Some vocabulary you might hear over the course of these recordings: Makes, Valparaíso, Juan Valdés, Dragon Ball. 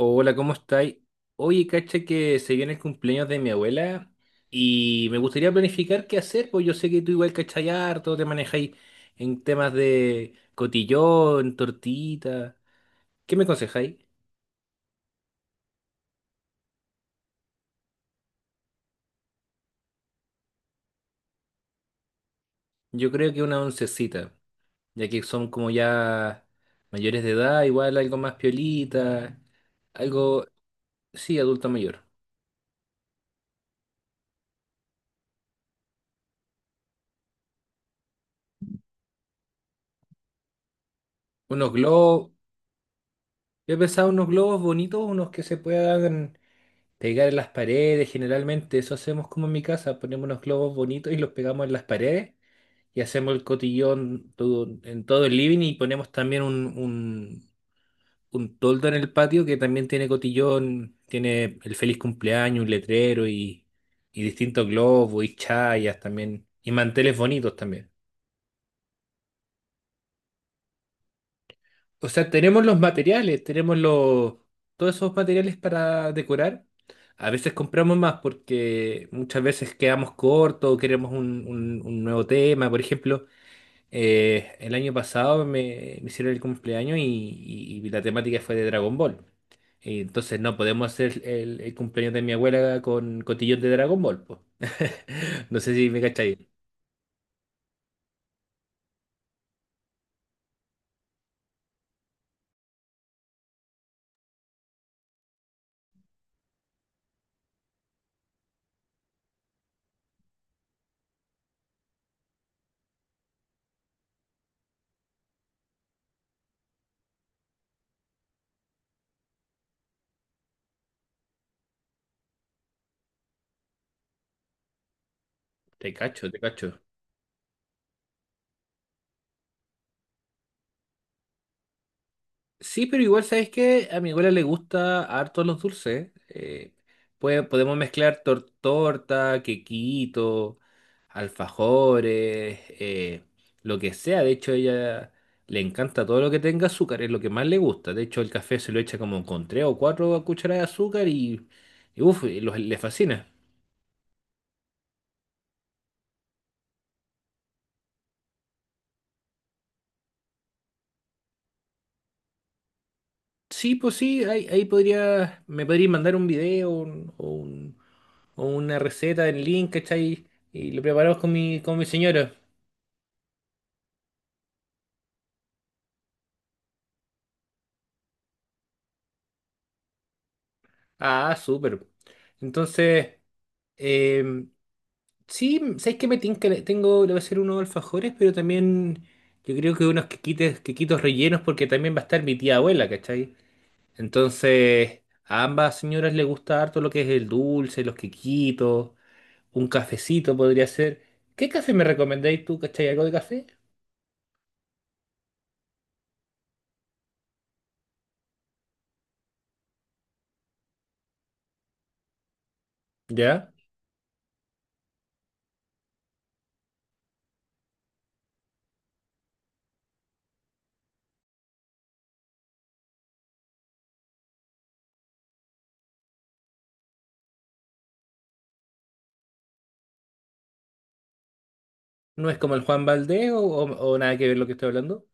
Hola, ¿cómo estáis? Oye, cacha que se viene el cumpleaños de mi abuela y me gustaría planificar qué hacer, pues yo sé que tú igual cachai harto, te manejáis en temas de cotillón, tortita. ¿Qué me aconsejáis? Yo creo que una oncecita, ya que son como ya mayores de edad, igual algo más piolita, algo, sí, adulto mayor. Unos globos, yo he pensado unos globos bonitos, unos que se puedan pegar en las paredes, generalmente eso hacemos como en mi casa, ponemos unos globos bonitos y los pegamos en las paredes y hacemos el cotillón en todo el living y ponemos también un toldo en el patio que también tiene cotillón, tiene el feliz cumpleaños, un letrero y distintos globos y chayas también y manteles bonitos también. O sea, tenemos los materiales, tenemos los, todos esos materiales para decorar. A veces compramos más porque muchas veces quedamos cortos o queremos un nuevo tema. Por ejemplo, el año pasado me hicieron el cumpleaños y la temática fue de Dragon Ball. Y entonces no podemos hacer el cumpleaños de mi abuela con cotillón de Dragon Ball, po. No sé si me cachai. Te cacho, te cacho. Sí, pero igual sabes que a mi abuela le gusta harto los dulces. Podemos mezclar torta, quequito, alfajores, lo que sea. De hecho, ella le encanta todo lo que tenga azúcar, es lo que más le gusta. De hecho, el café se lo echa como con tres o cuatro cucharadas de azúcar y uf, le fascina. Sí, pues sí, ahí podría, me podría mandar un video o una receta en link, ¿cachai? Y lo preparamos con mi señora. Ah, súper. Entonces, em, sí, sabes que me tinca, tengo, le voy a hacer unos alfajores, pero también yo creo que unos quequitos rellenos, porque también va a estar mi tía abuela, ¿cachai? Entonces, a ambas señoras les gusta harto lo que es el dulce, los quequitos, un cafecito podría ser. ¿Qué café me recomendáis tú, cachai? ¿Algo de café? ¿Ya? ¿No es como el Juan Valdés o, o nada que ver lo que estoy hablando?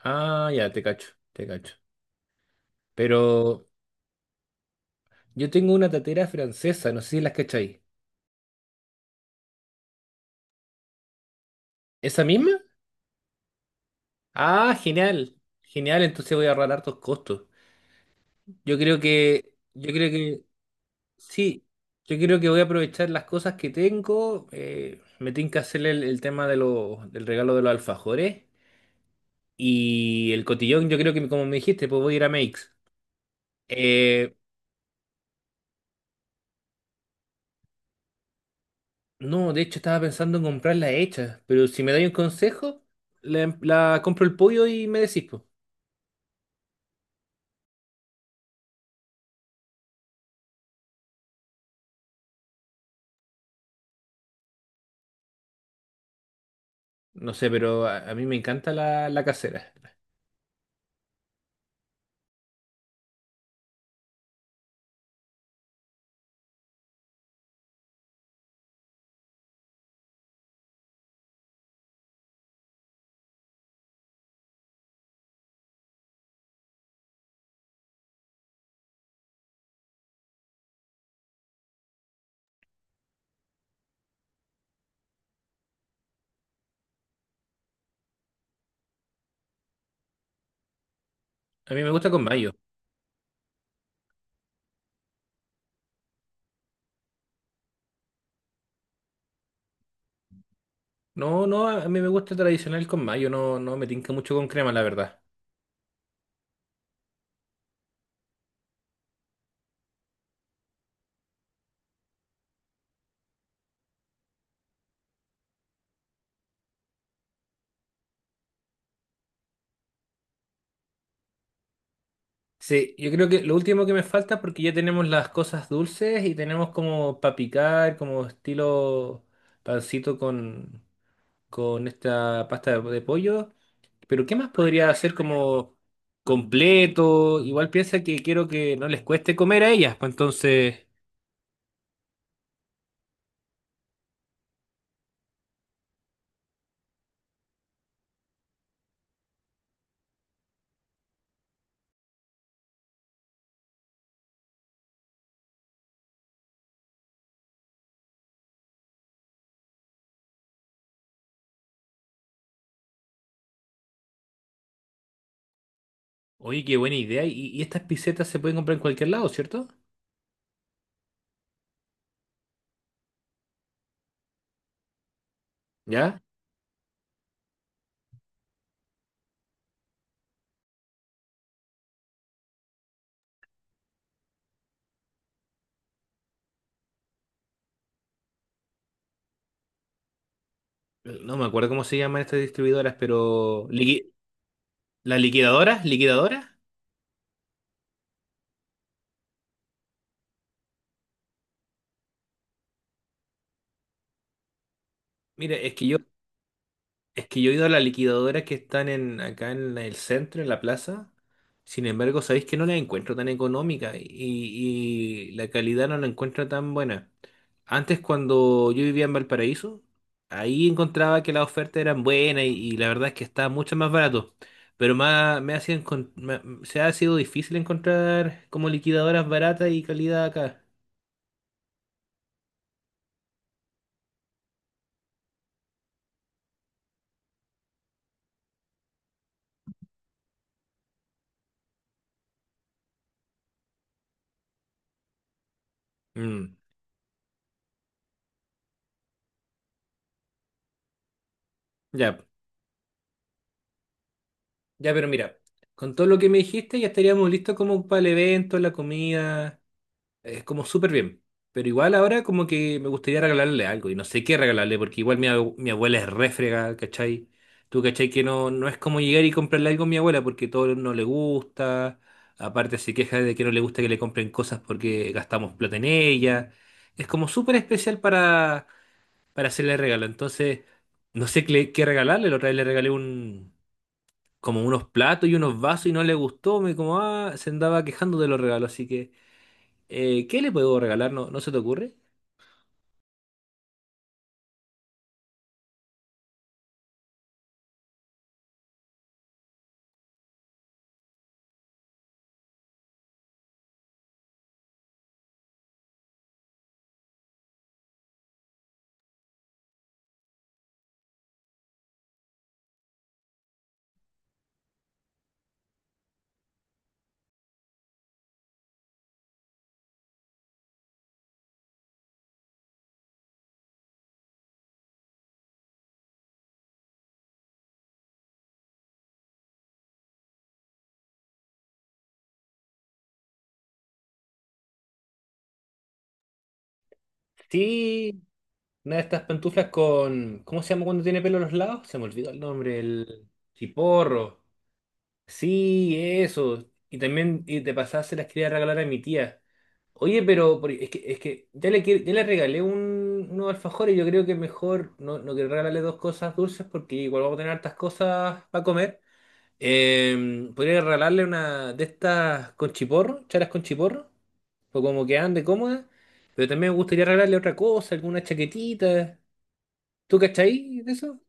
Ah, ya, te cacho, te cacho. Pero. Yo tengo una tatera francesa, no sé si las cachai. ¿Esa misma? Ah, genial. Genial, entonces voy a ahorrar hartos costos. Yo creo que, sí, yo creo que voy a aprovechar las cosas que tengo. Me tengo que hacer el tema de los, del regalo de los alfajores. Y el cotillón, yo creo que como me dijiste, pues voy a ir a Makes. Eh, no, de hecho estaba pensando en comprarla hecha, pero si me dais un consejo, la compro el pollo y me decís, pues. No sé, pero a mí me encanta la casera. A mí me gusta con mayo. No, a mí me gusta tradicional con mayo. No, no me tinca mucho con crema, la verdad. Sí, yo creo que lo último que me falta, porque ya tenemos las cosas dulces y tenemos como para picar, como estilo pancito con esta pasta de pollo. Pero ¿qué más podría hacer como completo? Igual piensa que quiero que no les cueste comer a ellas, pues entonces... Oye, qué buena idea. Y estas pisetas se pueden comprar en cualquier lado, ¿cierto? ¿Ya? No me acuerdo cómo se llaman estas distribuidoras, pero... liqui- ¿Las liquidadoras? ¿Liquidadoras? Mire, es que yo. Es que yo he ido a las liquidadoras que están en, acá en el centro, en la plaza. Sin embargo, sabéis que no la encuentro tan económica y la calidad no la encuentro tan buena. Antes, cuando yo vivía en Valparaíso, ahí encontraba que las ofertas eran buenas y la verdad es que estaba mucho más barato. Pero más, me ha sido se ha sido difícil encontrar como liquidadoras baratas y calidad acá. Mm, ya, ya, pero mira, con todo lo que me dijiste ya estaríamos listos como para el evento, la comida. Es como súper bien. Pero igual ahora como que me gustaría regalarle algo. Y no sé qué regalarle, porque igual mi, mi abuela es refrega, ¿cachai? Tú, ¿cachai? Que no, no es como llegar y comprarle algo a mi abuela porque todo no le gusta. Aparte se queja de que no le gusta que le compren cosas porque gastamos plata en ella. Es como súper especial para hacerle regalo. Entonces, no sé qué, qué regalarle. La otra vez le regalé un, como unos platos y unos vasos y no le gustó. Me como, ah, se andaba quejando de los regalos. Así que... ¿qué le puedo regalar? ¿No, no se te ocurre? Sí, una de estas pantuflas con. ¿Cómo se llama cuando tiene pelo a los lados? Se me olvidó el nombre, el chiporro. Sí, eso. Y también, y de pasada se las quería regalar a mi tía. Oye, pero es que ya le, ya le regalé un, unos alfajores. Yo creo que mejor no, no quiero regalarle dos cosas dulces porque igual vamos a tener hartas cosas para comer. Podría regalarle una de estas con chiporro, charas con chiporro, o como que ande cómoda, pero también me gustaría regalarle otra cosa, alguna chaquetita. ¿Tú cachai de eso?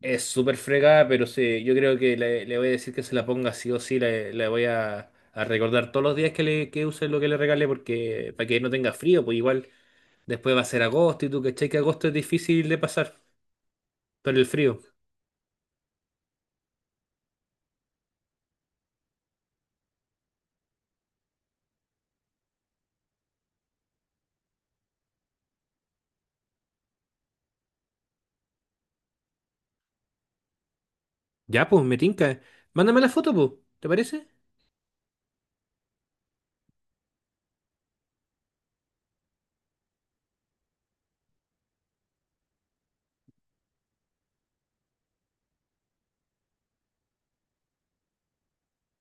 Es súper fregada, pero sí, yo creo que le voy a decir que se la ponga sí o sí, le voy a recordar todos los días que, le, que use lo que le regale, porque para que no tenga frío, pues igual después va a ser agosto y tú cachai que agosto es difícil de pasar por el frío. Ya, pues, me tinca. Mándame la foto, pues, ¿te parece?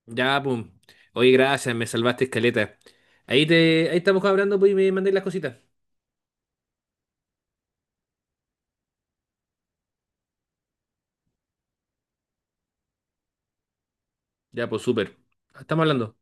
Ya, pum. Oye, gracias, me salvaste escaleta. Ahí estamos hablando, pues, y me mandáis las cositas. Ya, pues, súper. Estamos hablando.